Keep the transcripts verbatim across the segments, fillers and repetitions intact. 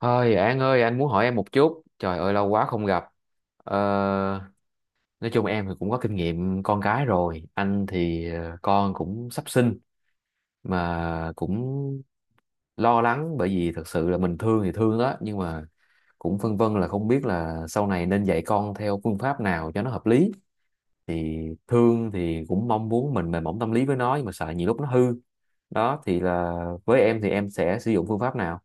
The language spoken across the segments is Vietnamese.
Thôi An ơi, anh muốn hỏi em một chút. Trời ơi, lâu quá không gặp. Ờ, nói chung em thì cũng có kinh nghiệm con cái rồi. Anh thì ờ, con cũng sắp sinh mà cũng lo lắng, bởi vì thật sự là mình thương thì thương đó, nhưng mà cũng phân vân là không biết là sau này nên dạy con theo phương pháp nào cho nó hợp lý. Thì thương thì cũng mong muốn mình mềm mỏng tâm lý với nó, nhưng mà sợ nhiều lúc nó hư. Đó thì là với em thì em sẽ sử dụng phương pháp nào?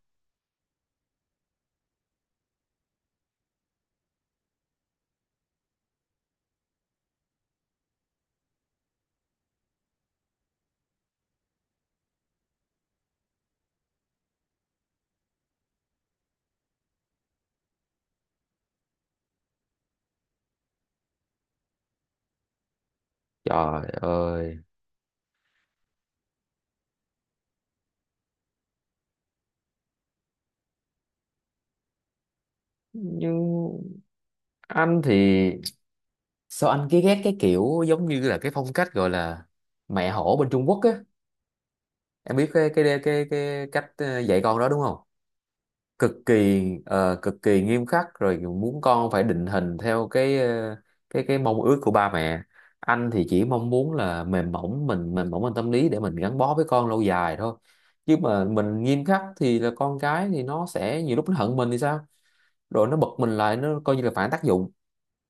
Trời ơi. Nhưng anh thì sao anh cứ ghét cái kiểu giống như là cái phong cách gọi là mẹ hổ bên Trung Quốc á. Em biết cái cái cái cái cách ờ, dạy con đó đúng không? Cực kỳ ờ, cực kỳ nghiêm khắc, rồi muốn con phải định hình theo cái ờ, cái cái mong ước của ba mẹ. Anh thì chỉ mong muốn là mềm mỏng, mình mềm mỏng, mình tâm lý để mình gắn bó với con lâu dài thôi, chứ mà mình nghiêm khắc thì là con cái thì nó sẽ nhiều lúc nó hận mình thì sao, rồi nó bật mình lại, nó coi như là phản tác dụng.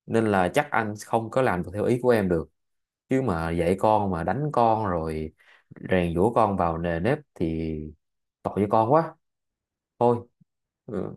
Nên là chắc anh không có làm được theo ý của em được. Chứ mà dạy con mà đánh con rồi rèn giũa con vào nề nếp thì tội cho con quá. Thôi, ừ.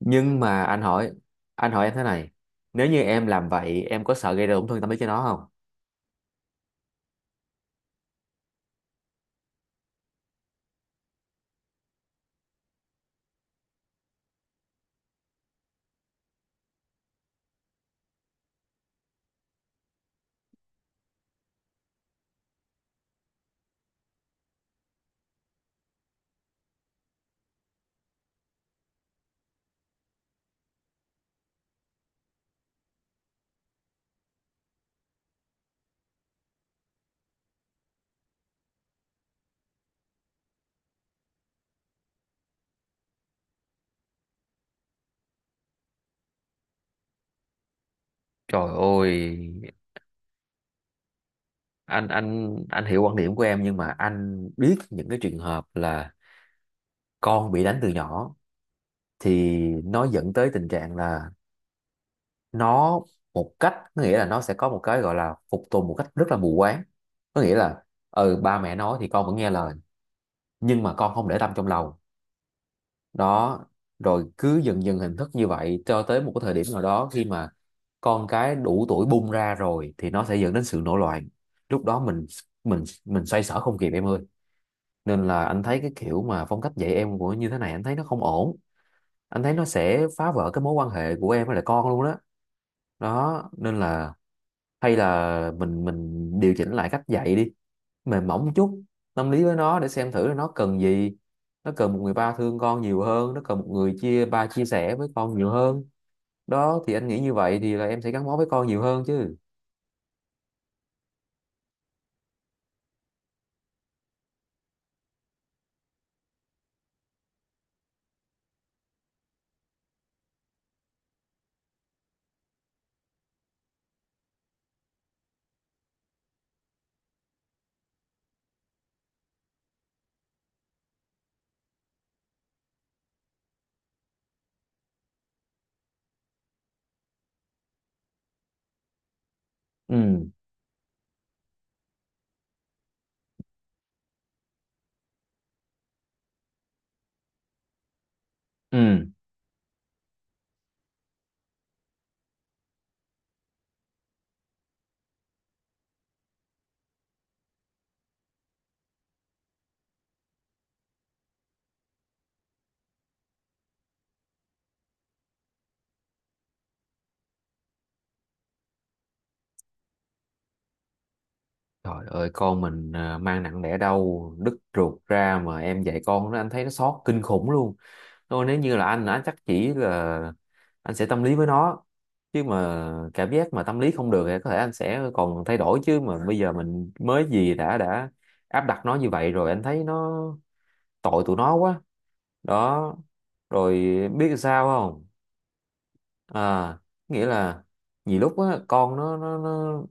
Nhưng mà anh hỏi, anh hỏi em thế này, nếu như em làm vậy em có sợ gây ra tổn thương tâm lý cho nó không? Trời ơi, anh anh anh hiểu quan điểm của em, nhưng mà anh biết những cái trường hợp là con bị đánh từ nhỏ thì nó dẫn tới tình trạng là nó một cách, có nghĩa là nó sẽ có một cái gọi là phục tùng một cách rất là mù quáng. Có nghĩa là ừ, ba mẹ nói thì con vẫn nghe lời, nhưng mà con không để tâm trong lòng. Đó, rồi cứ dần dần hình thức như vậy cho tới một cái thời điểm nào đó, khi mà con cái đủ tuổi bung ra rồi thì nó sẽ dẫn đến sự nổi loạn. Lúc đó mình mình mình xoay sở không kịp em ơi. Nên là anh thấy cái kiểu mà phong cách dạy em của như thế này anh thấy nó không ổn. Anh thấy nó sẽ phá vỡ cái mối quan hệ của em với lại con luôn đó. Đó nên là hay là mình mình điều chỉnh lại cách dạy đi, mềm mỏng chút, tâm lý với nó để xem thử là nó cần gì. Nó cần một người ba thương con nhiều hơn, nó cần một người chia ba chia sẻ với con nhiều hơn. Đó thì anh nghĩ như vậy thì là em sẽ gắn bó với con nhiều hơn chứ. Ừ, ừ. Trời ơi, con mình à, mang nặng đẻ đau đứt ruột ra mà em dạy con nó anh thấy nó xót kinh khủng luôn. Thôi, nếu như là anh anh chắc chỉ là anh sẽ tâm lý với nó, chứ mà cảm giác mà tâm lý không được thì có thể anh sẽ còn thay đổi, chứ mà bây giờ mình mới gì đã đã áp đặt nó như vậy rồi anh thấy nó tội tụi nó quá. Đó, rồi biết sao không? À, nghĩa là nhiều lúc á, con nó nó nó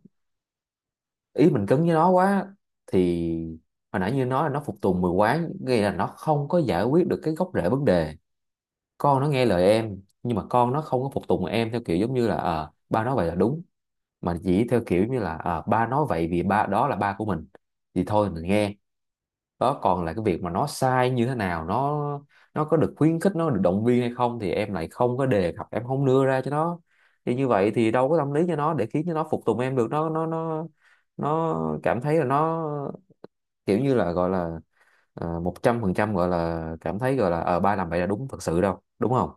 ý mình cứng với nó quá thì hồi nãy như nó là nó phục tùng mù quáng, nghĩa là nó không có giải quyết được cái gốc rễ vấn đề. Con nó nghe lời em, nhưng mà con nó không có phục tùng em theo kiểu giống như là ờ, ba nói vậy là đúng, mà chỉ theo kiểu như là ờ, ba nói vậy vì ba đó là ba của mình thì thôi mình nghe. Đó, còn là cái việc mà nó sai như thế nào, nó nó có được khuyến khích, nó được động viên hay không thì em lại không có đề cập, em không đưa ra cho nó. Thì như vậy thì đâu có tâm lý cho nó để khiến cho nó phục tùng em được. Nó nó nó nó cảm thấy là nó kiểu như là gọi là ờ, một trăm phần trăm gọi là cảm thấy gọi là ờ, ba làm vậy là đúng thật sự đâu, đúng không?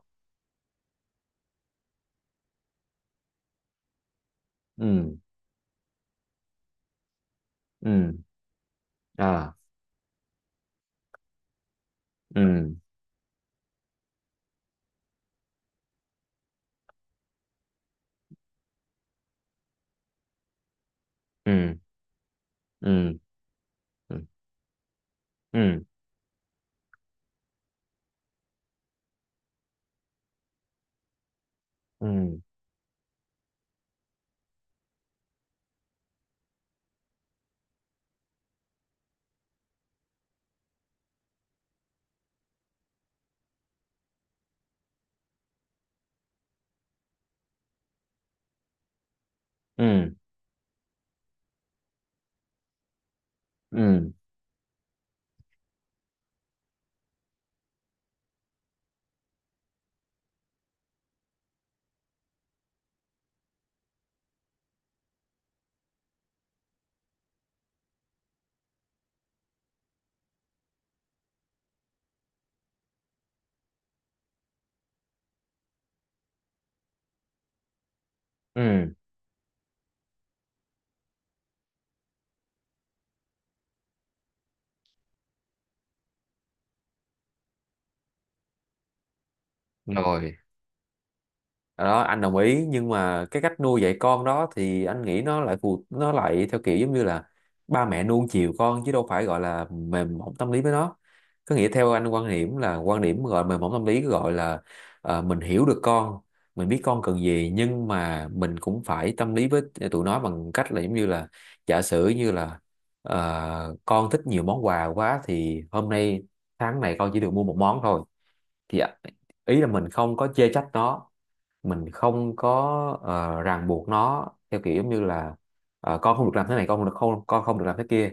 Ừ, ừ, à, ừ, ừ, ừ, ừ, ừ, ừ, ừ, ừ, ừ, rồi. Đó anh đồng ý, nhưng mà cái cách nuôi dạy con đó thì anh nghĩ nó lại phù, nó lại theo kiểu giống như là ba mẹ nuông chiều con chứ đâu phải gọi là mềm mỏng tâm lý với nó. Có nghĩa theo anh quan điểm là quan điểm gọi mềm mỏng tâm lý gọi là ờ, mình hiểu được con, mình biết con cần gì, nhưng mà mình cũng phải tâm lý với tụi nó bằng cách là giống như là giả sử như là ờ, con thích nhiều món quà quá thì hôm nay tháng này con chỉ được mua một món thôi. Thì ý là mình không có chê trách nó, mình không có ờ, ràng buộc nó theo kiểu như là ờ, con không được làm thế này, con không được không con không được làm thế kia,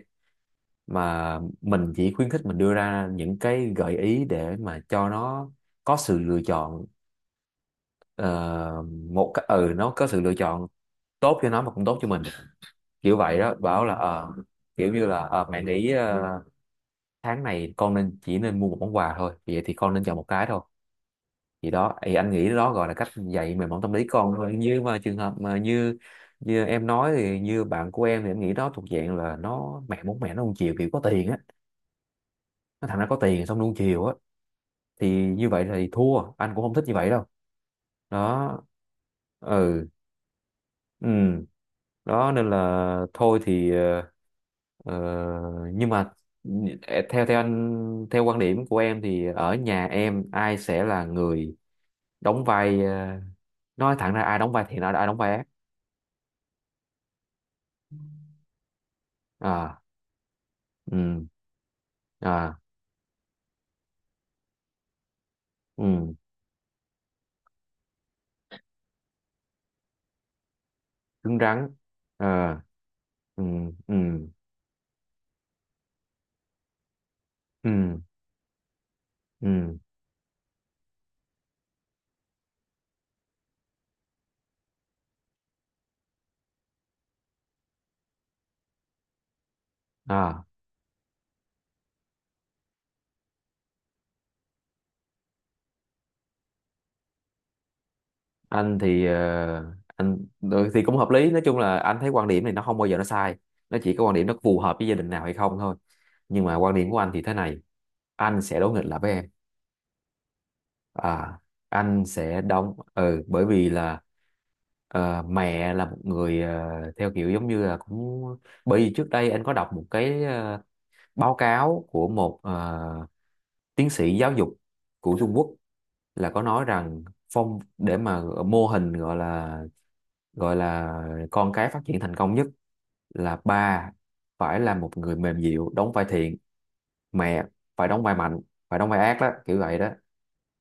mà mình chỉ khuyến khích, mình đưa ra những cái gợi ý để mà cho nó có sự lựa chọn. Ờ, một cái ừ, nó có sự lựa chọn tốt cho nó mà cũng tốt cho mình, kiểu vậy đó. Bảo là ờ, kiểu như là ờ, mẹ nghĩ ờ, tháng này con nên chỉ nên mua một món quà thôi, vậy thì con nên chọn một cái thôi. Thì đó thì anh nghĩ đó gọi là cách dạy mềm mỏng tâm lý con thôi. Như mà trường hợp mà như như em nói thì như bạn của em thì em nghĩ đó thuộc dạng là nó mẹ muốn mẹ nó nuông chiều kiểu có tiền á, nó thằng nó có tiền xong nuông chiều á, thì như vậy thì thua, anh cũng không thích như vậy đâu. Đó, ừ, ừ. Đó nên là thôi thì ờ, ờ, nhưng mà theo theo anh theo quan điểm của em thì ở nhà em ai sẽ là người đóng vai ờ, nói thẳng ra ai đóng vai thiện, ai ai đóng vai ác? À, ừ, à, ừ, cứng rắn, ờ, ừ, ừ, ừ, ừ, à. Anh thì ờ, anh ừ, thì cũng hợp lý. Nói chung là anh thấy quan điểm này nó không bao giờ nó sai, nó chỉ có quan điểm nó phù hợp với gia đình nào hay không thôi. Nhưng mà quan điểm của anh thì thế này, anh sẽ đối nghịch lại với em. À, anh sẽ đóng ừ, bởi vì là ờ, mẹ là một người ờ, theo kiểu giống như là cũng bởi vì trước đây anh có đọc một cái ờ, báo cáo của một ờ, tiến sĩ giáo dục của Trung Quốc, là có nói rằng phong để mà ờ, mô hình gọi là gọi là con cái phát triển thành công nhất là ba phải là một người mềm dịu đóng vai thiện, mẹ phải đóng vai mạnh, phải đóng vai ác, đó kiểu vậy đó.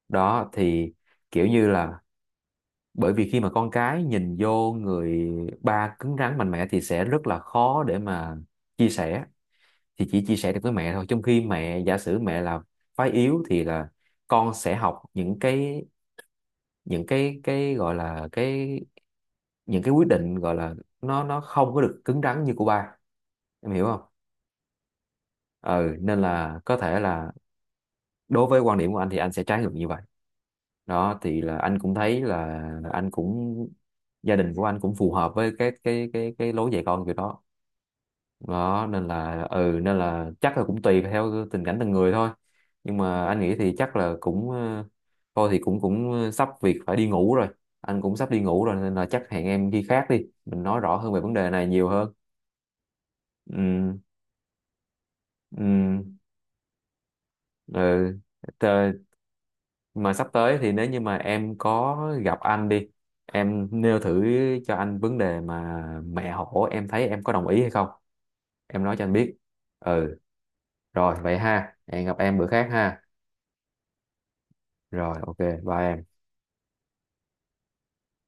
Đó thì kiểu như là bởi vì khi mà con cái nhìn vô người ba cứng rắn mạnh mẽ thì sẽ rất là khó để mà chia sẻ, thì chỉ chia sẻ được với mẹ thôi, trong khi mẹ giả sử mẹ là phái yếu thì là con sẽ học những cái, những cái cái gọi là cái những cái quyết định gọi là nó nó không có được cứng rắn như của ba. Em hiểu không? Ừ, nên là có thể là đối với quan điểm của anh thì anh sẽ trái ngược như vậy. Đó thì là anh cũng thấy là anh cũng gia đình của anh cũng phù hợp với cái cái cái cái lối dạy con kiểu đó. Đó nên là ừ, nên là chắc là cũng tùy theo tình cảnh từng người thôi. Nhưng mà anh nghĩ thì chắc là cũng ờ, thôi thì cũng cũng ờ, sắp việc phải đi ngủ rồi, anh cũng sắp đi ngủ rồi, nên là chắc hẹn em khi khác đi, mình nói rõ hơn về vấn đề này nhiều hơn. Ừ, ừ, ừ. Tờ-, mà sắp tới thì nếu như mà em có gặp anh đi, em nêu thử cho anh vấn đề mà mẹ hổ em thấy em có đồng ý hay không, em nói cho anh biết. Ừ, rồi vậy ha, hẹn gặp em bữa khác ha. Rồi, ok, bye em.